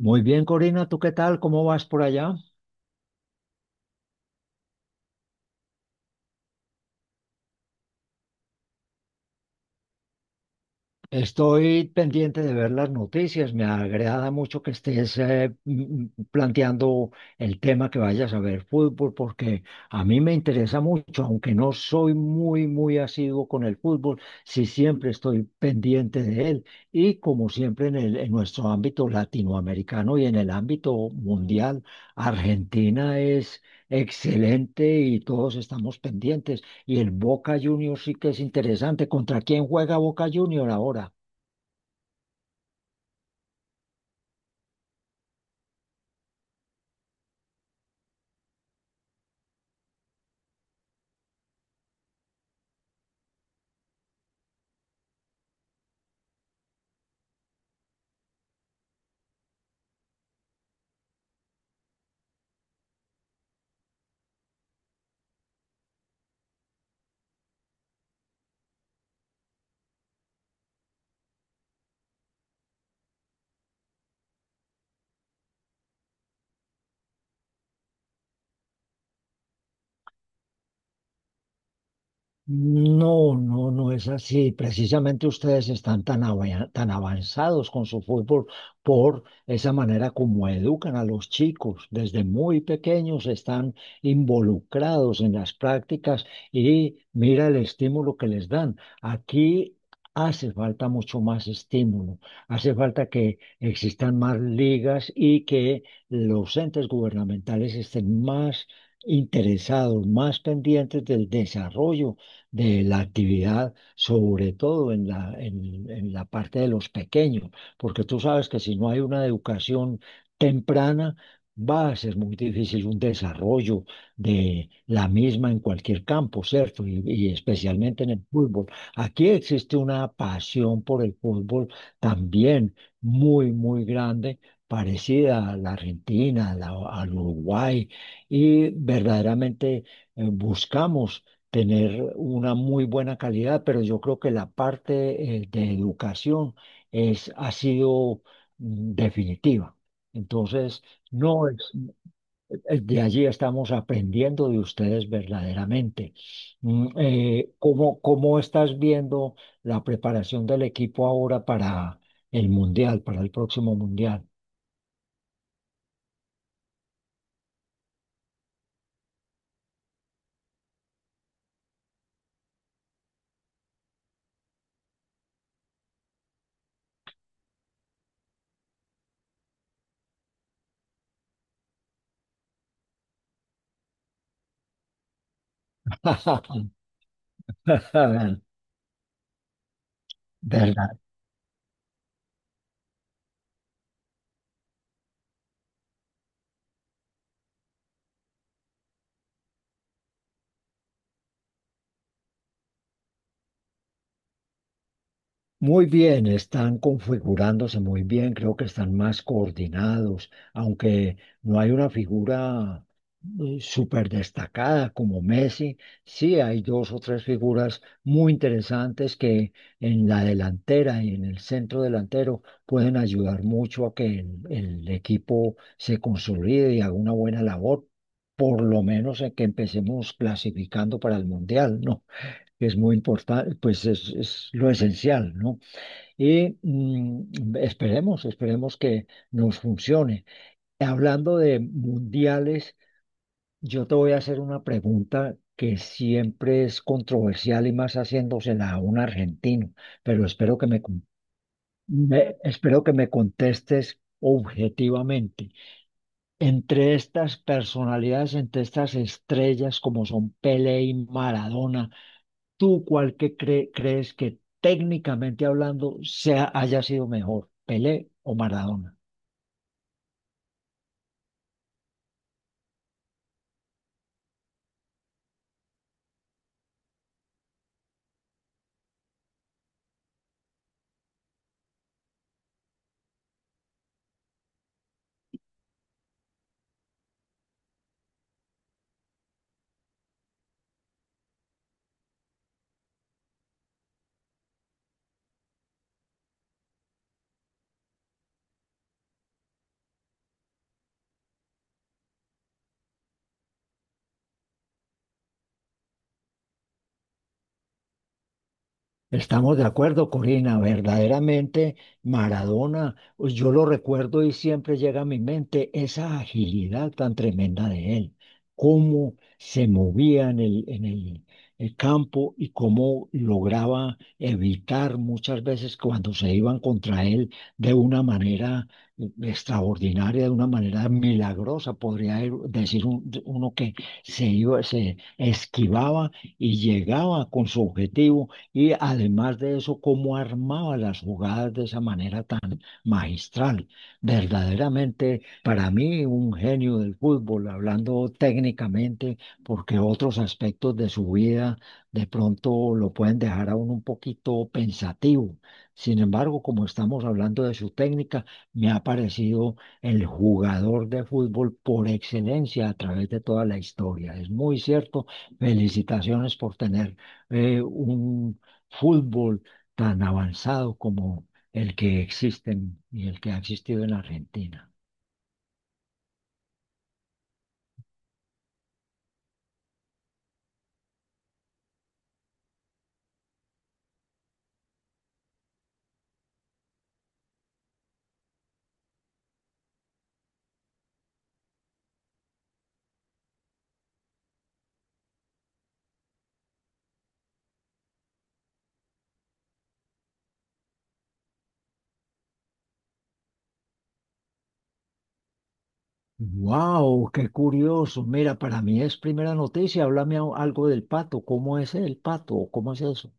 Muy bien, Corina, ¿tú qué tal? ¿Cómo vas por allá? Estoy pendiente de ver las noticias. Me agrada mucho que estés planteando el tema que vayas a ver fútbol, porque a mí me interesa mucho, aunque no soy muy, muy asiduo con el fútbol, sí siempre estoy pendiente de él. Y como siempre en nuestro ámbito latinoamericano y en el ámbito mundial, Argentina es excelente y todos estamos pendientes. Y el Boca Juniors sí que es interesante. ¿Contra quién juega Boca Juniors ahora? No, no, no es así. Precisamente ustedes están tan avanzados con su fútbol por esa manera como educan a los chicos. Desde muy pequeños están involucrados en las prácticas y mira el estímulo que les dan. Aquí hace falta mucho más estímulo. Hace falta que existan más ligas y que los entes gubernamentales estén más interesados, más pendientes del desarrollo de la actividad, sobre todo en en la parte de los pequeños, porque tú sabes que si no hay una educación temprana, va a ser muy difícil un desarrollo de la misma en cualquier campo, ¿cierto? Y especialmente en el fútbol. Aquí existe una pasión por el fútbol también muy, muy grande, parecida a la Argentina, al Uruguay, y verdaderamente buscamos tener una muy buena calidad, pero yo creo que la parte de educación ha sido definitiva. Entonces, no, es- Es de allí estamos aprendiendo de ustedes verdaderamente. Cómo estás viendo la preparación del equipo ahora para el Mundial, para el próximo Mundial? Verdaderamente muy bien, están configurándose muy bien, creo que están más coordinados, aunque no hay una figura súper destacada como Messi, sí hay dos o tres figuras muy interesantes que en la delantera y en el centro delantero pueden ayudar mucho a que el equipo se consolide y haga una buena labor, por lo menos en que empecemos clasificando para el Mundial, ¿no? Que es muy importante, es lo esencial, ¿no? Y esperemos que nos funcione. Hablando de mundiales, yo te voy a hacer una pregunta que siempre es controversial y más haciéndosela a un argentino, pero espero que espero que me contestes objetivamente. Entre estas personalidades, entre estas estrellas como son Pelé y Maradona, ¿tú cuál crees que técnicamente hablando haya sido mejor, Pelé o Maradona? Estamos de acuerdo, Corina, verdaderamente Maradona, pues yo lo recuerdo y siempre llega a mi mente esa agilidad tan tremenda de él, cómo se movía el campo y cómo lograba evitar muchas veces cuando se iban contra él de una manera extraordinaria, de una manera milagrosa, podría ir- decir un- uno que se iba, se esquivaba y llegaba con su objetivo y además de eso, cómo armaba las jugadas de esa manera tan magistral. Verdaderamente, para mí, un genio del fútbol, hablando técnicamente, porque otros aspectos de su vida de pronto lo pueden dejar a uno un poquito pensativo. Sin embargo, como estamos hablando de su técnica, me ha parecido el jugador de fútbol por excelencia a través de toda la historia. Es muy cierto. Felicitaciones por tener un fútbol tan avanzado como el que existe y el que ha existido en la Argentina. Wow, qué curioso. Mira, para mí es primera noticia. Háblame algo del pato. ¿Cómo es el pato? ¿Cómo es eso?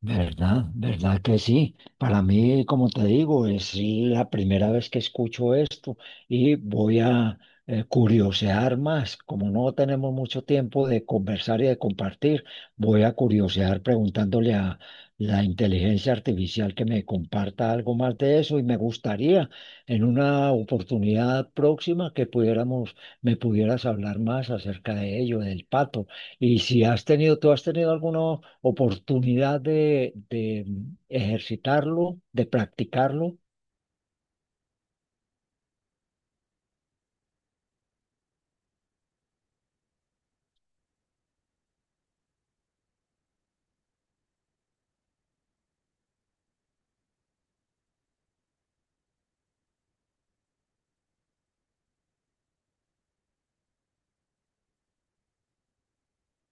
¿Verdad? ¿Verdad que sí? Para mí, como te digo, es la primera vez que escucho esto y voy a curiosear más. Como no tenemos mucho tiempo de conversar y de compartir, voy a curiosear preguntándole a la inteligencia artificial que me comparta algo más de eso y me gustaría en una oportunidad próxima que me pudieras hablar más acerca de ello, del pato. Y si has tenido, tú has tenido alguno oportunidad de ejercitarlo, de practicarlo,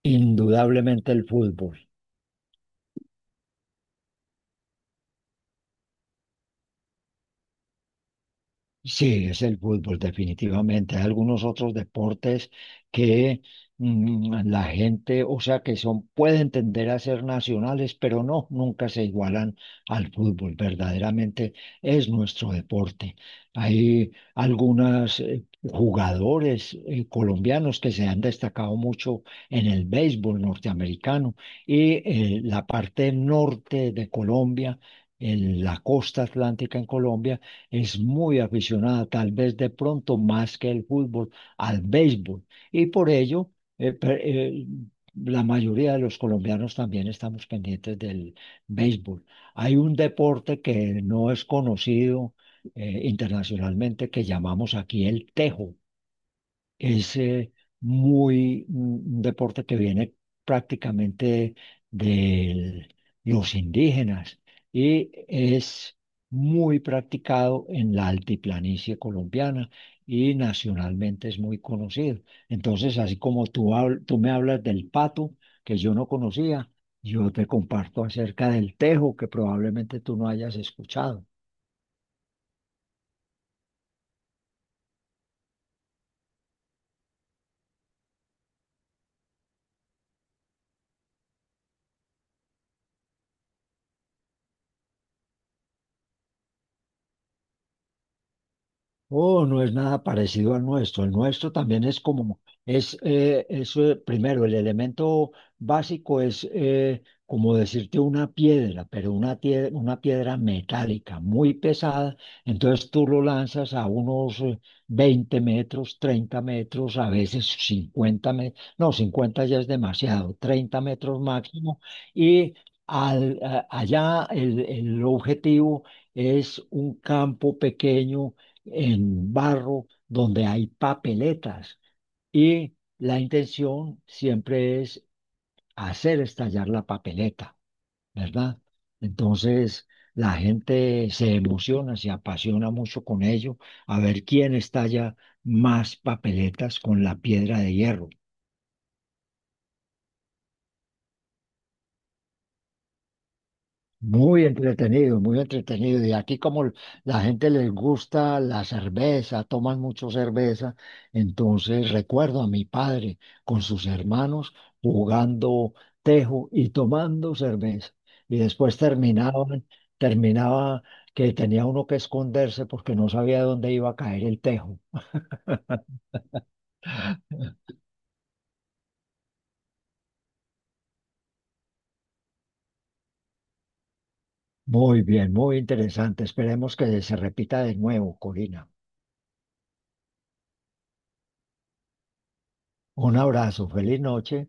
indudablemente el fútbol. Sí, es el fútbol, definitivamente. Hay algunos otros deportes que la gente, o sea, que son, pueden tender a ser nacionales, pero no, nunca se igualan al fútbol. Verdaderamente es nuestro deporte. Hay algunos jugadores colombianos que se han destacado mucho en el béisbol norteamericano y la parte norte de Colombia, en la costa atlántica en Colombia es muy aficionada, tal vez de pronto más que el fútbol, al béisbol. Y por ello, eh, per- eh, la mayoría de los colombianos también estamos pendientes del béisbol. Hay un deporte que no es conocido internacionalmente que llamamos aquí el tejo. Es muy mm, un deporte que viene prácticamente de los indígenas y es muy practicado en la altiplanicie colombiana y nacionalmente es muy conocido. Entonces, así como tú me hablas del pato, que yo no conocía, yo te comparto acerca del tejo, que probablemente tú no hayas escuchado. Oh, no es nada parecido al nuestro. El nuestro también es como, es, primero, el elemento básico es como decirte una piedra, pero una piedra metálica muy pesada. Entonces tú lo lanzas a unos 20 metros, 30 metros, a veces 50 metros, no, 50 ya es demasiado, 30 metros máximo. Y allá el objetivo es un campo pequeño en barro, donde hay papeletas. Y la intención siempre es hacer estallar la papeleta, ¿verdad? Entonces, la gente se emociona, se apasiona mucho con ello, a ver quién estalla más papeletas con la piedra de hierro. Muy entretenido, muy entretenido. Y aquí como la gente les gusta la cerveza, toman mucho cerveza, entonces recuerdo a mi padre con sus hermanos jugando tejo y tomando cerveza. Y después terminaba que tenía uno que esconderse porque no sabía dónde iba a caer el tejo. Muy bien, muy interesante. Esperemos que se repita de nuevo, Corina. Un abrazo, feliz noche.